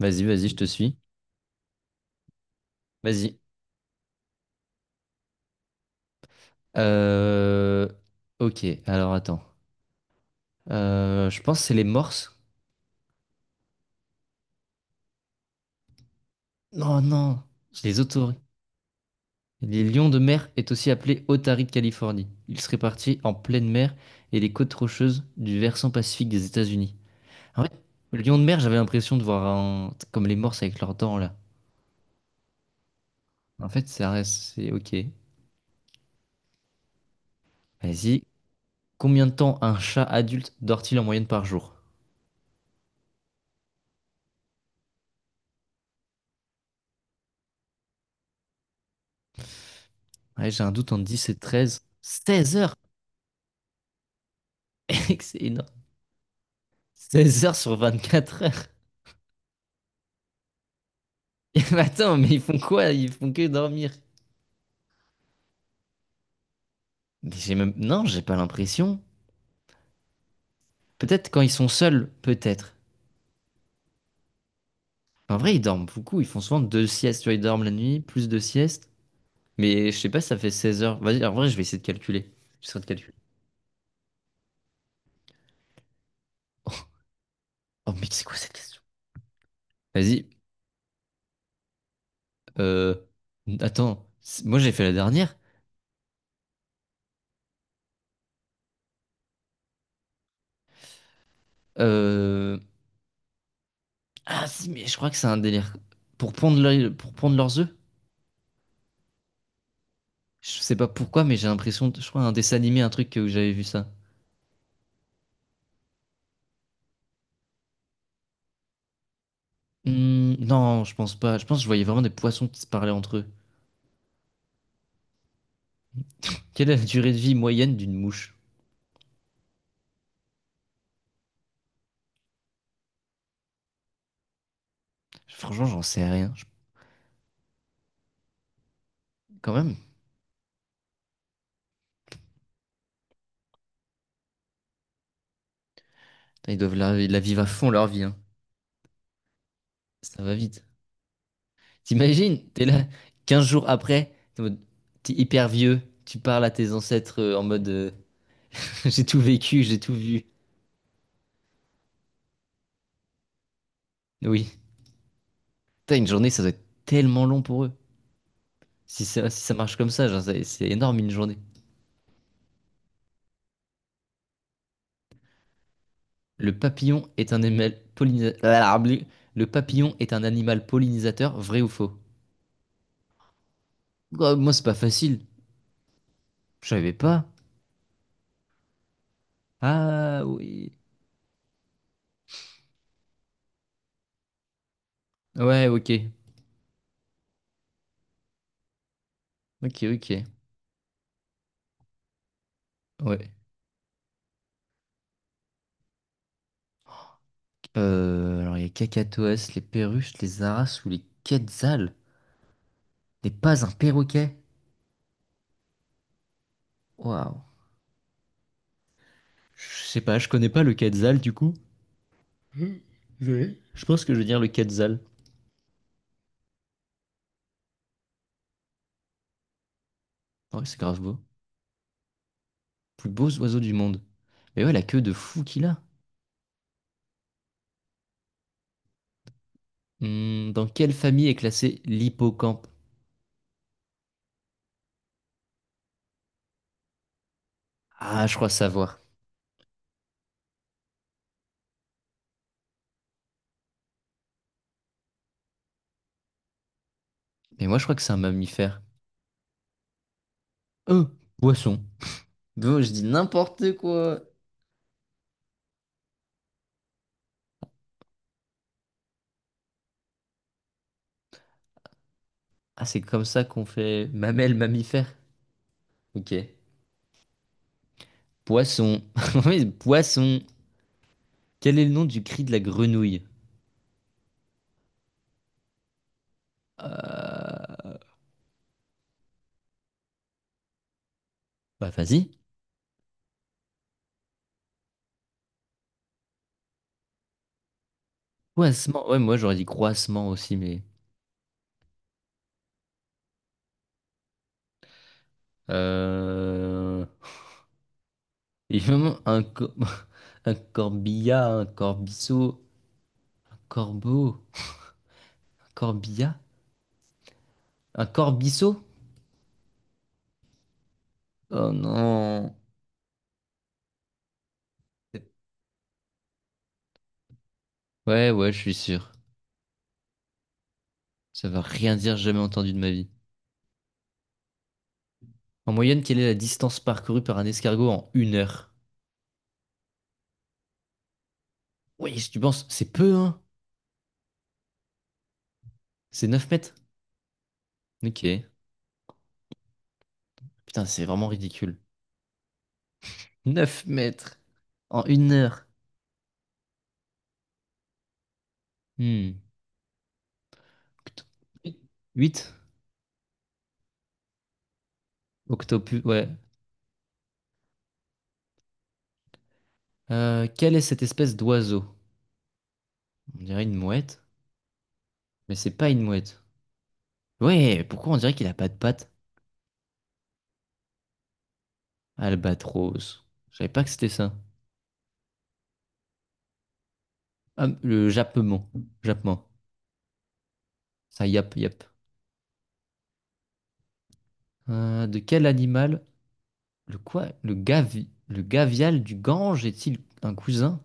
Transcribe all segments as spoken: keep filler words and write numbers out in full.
Vas-y, vas-y, je te suis. Vas-y. Euh, Ok, alors attends. Euh, je pense que c'est les morses. Non, non, les otaries. Les lions de mer est aussi appelé otaries de Californie. Ils se répartissent en pleine mer et les côtes rocheuses du versant pacifique des États-Unis. En fait, le lion de mer, j'avais l'impression de voir un, comme les morses avec leurs dents là. En fait, ça reste, c'est ok. Vas-y. Combien de temps un chat adulte dort-il en moyenne par jour? Ouais, j'ai un doute entre dix et treize seize heures! Excellent. seize heures sur vingt-quatre heures. Et mais attends, mais ils font quoi? Ils font que dormir. Mais j'ai même, non, j'ai pas l'impression. Peut-être quand ils sont seuls, peut-être. En vrai, ils dorment beaucoup. Ils font souvent deux siestes. Tu vois, ils dorment la nuit, plus deux siestes. Mais je sais pas, ça fait seize heures. Vas-y, en vrai, je vais essayer de calculer. J'essaie de calculer. Oh, mais c'est quoi cette question? Vas-y. Euh... Attends. c'est- Moi, j'ai fait la dernière. Euh... Ah, si, mais je crois que c'est un délire. Pour pondre, l'œil- pour pondre leurs œufs? Je sais pas pourquoi, mais j'ai l'impression, de- je crois un dessin animé, un truc où j'avais vu ça. Hmm, non, je pense pas. Je pense que je voyais vraiment des poissons qui se parlaient entre eux. Quelle est la durée de vie moyenne d'une mouche? Franchement, j'en sais rien. Je- Quand même. Putain, ils doivent la, ils la vivre à fond leur vie, hein. Ça va vite. T'imagines, t'es là quinze jours après, t'es en mode, t'es hyper vieux, tu parles à tes ancêtres euh, en mode euh, j'ai tout vécu, j'ai tout vu. Oui. Putain, une journée, ça doit être tellement long pour eux. Si ça, si ça marche comme ça, genre, c'est c'est énorme une journée. Le papillon est un animal pollinisateur. Le papillon est un animal pollinisateur, vrai ou faux? Oh, moi, c'est pas facile. Je savais pas. Ah oui. Ouais, ok. Ok, ok. Ouais. Euh, alors, il y a Cacatoès, les perruches, les aras ou les quetzals. N'est pas un perroquet. Waouh. Je sais pas, je connais pas le quetzal du coup. Oui, je pense que je vais dire le quetzal. Ouais, c'est grave beau. Plus beaux oiseaux du monde. Mais ouais, la queue de fou qu'il a. Hmm, dans quelle famille est classé l'hippocampe? Ah, je crois savoir. Mais moi, je crois que c'est un mammifère. Euh, Poisson. Bon, je dis n'importe quoi. Ah, c'est comme ça qu'on fait mamelle mammifère. Ok. Poisson. Oui, poisson. Quel est le nom du cri de la grenouille? Euh... Bah, vas-y. Croassement. Ouais, moi, j'aurais dit croassement aussi, mais... Euh... Il y a vraiment un, cor- un corbillard, un corbiceau, un corbeau, un corbillard, un corbiceau? Oh non. Ouais, ouais, je suis sûr. Ça va rien dire, jamais entendu de ma vie. En moyenne, quelle est la distance parcourue par un escargot en une heure? Oui, si tu penses, c'est peu, hein? C'est neuf mètres? Ok. Putain, c'est vraiment ridicule. Neuf mètres en une heure. Hmm. huit? Octopus, ouais. Euh, quelle est cette espèce d'oiseau? On dirait une mouette, mais c'est pas une mouette. Ouais, pourquoi on dirait qu'il a pas de pattes? Albatros. Je savais pas que c'était ça. Ah, le jappement. Jappement. Ça, yap, yap. Euh, de quel animal? Le quoi? Le gavi... Le gavial du Gange est-il un cousin?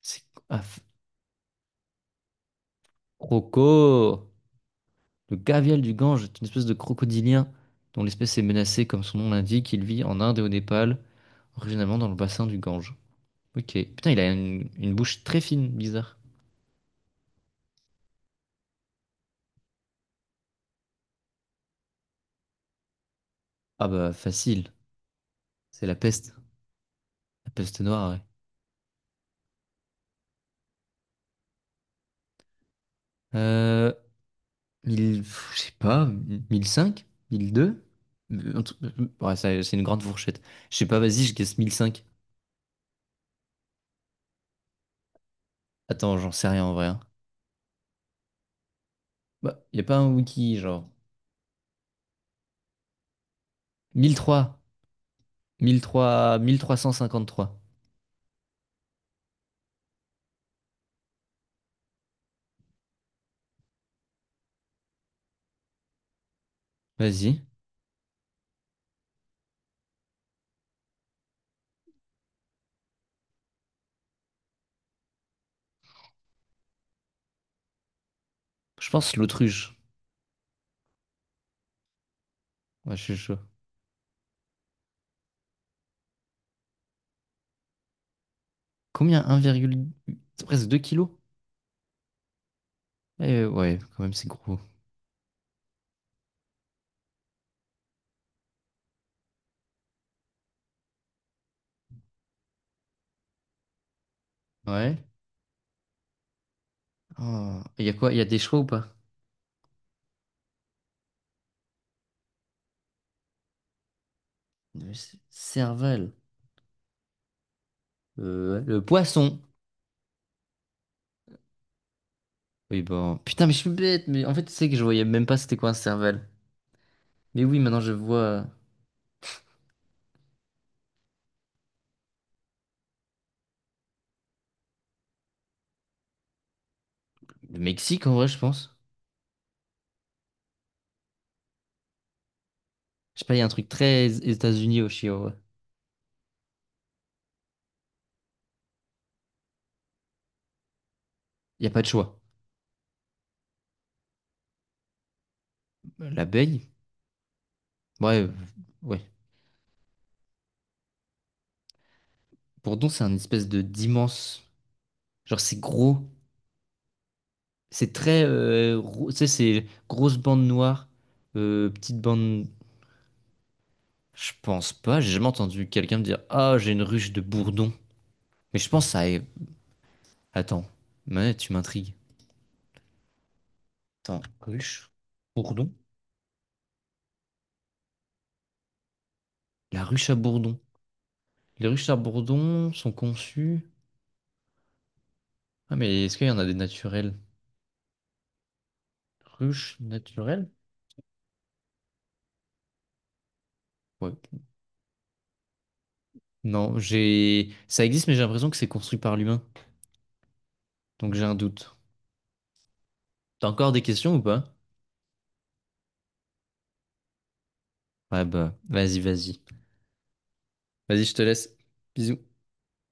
C'est ah, f- croco. Le gavial du Gange est une espèce de crocodilien dont l'espèce est menacée, comme son nom l'indique. Il vit en Inde et au Népal, originairement dans le bassin du Gange. Ok. Putain, il a une, une bouche très fine, bizarre. Ah bah facile. C'est la peste. La peste noire, ouais. Euh, mille, je sais pas, mille cinq, mille deux? Euh, un truc- euh, Ouais, ça, c'est une grande fourchette. Je sais pas, vas-y, je guesse mille cinq. Attends, j'en sais rien en vrai, hein. Bah, y a pas un wiki, genre. mille trois, mille trois, mille trois cent cinquante-trois. Vas-y. Je pense l'autruche. Ouais, je suis chaud. Combien? un virgule huit? C'est presque deux kilos? Eh, ouais, quand même, c'est gros. Ouais. Oh. Et y a quoi? Y a des choix ou pas? Le c- Cervelle. Euh, le poisson. Oui, bon. Putain, mais je suis bête, mais en fait, tu sais que je voyais même pas c'était quoi un cervelle. Mais oui, maintenant je vois euh, le Mexique en vrai, je pense. Je sais pas, il y a un truc très États-Unis au Chili, en vrai. Il y a pas de choix. L'abeille, ouais, euh, ouais. Bourdon, c'est un espèce de d'immense. Genre, c'est gros. C'est très. euh, rou- Tu sais, c'est grosse bande noire, euh, petite bande. Je pense pas, j'ai jamais entendu quelqu'un me dire ah, j'ai une ruche de bourdon. Mais je pense à. Attends, mais tu m'intrigues. Attends, ruche? Bourdon? La ruche à bourdon. Les ruches à bourdon sont conçues. Ah, mais est-ce qu'il y en a des naturelles? Ruches naturelles? Ouais. Non, j'ai. Ça existe, mais j'ai l'impression que c'est construit par l'humain. Donc j'ai un doute. T'as encore des questions ou pas? Ouais, bah, vas-y, vas-y. Vas-y, je te laisse. Bisous.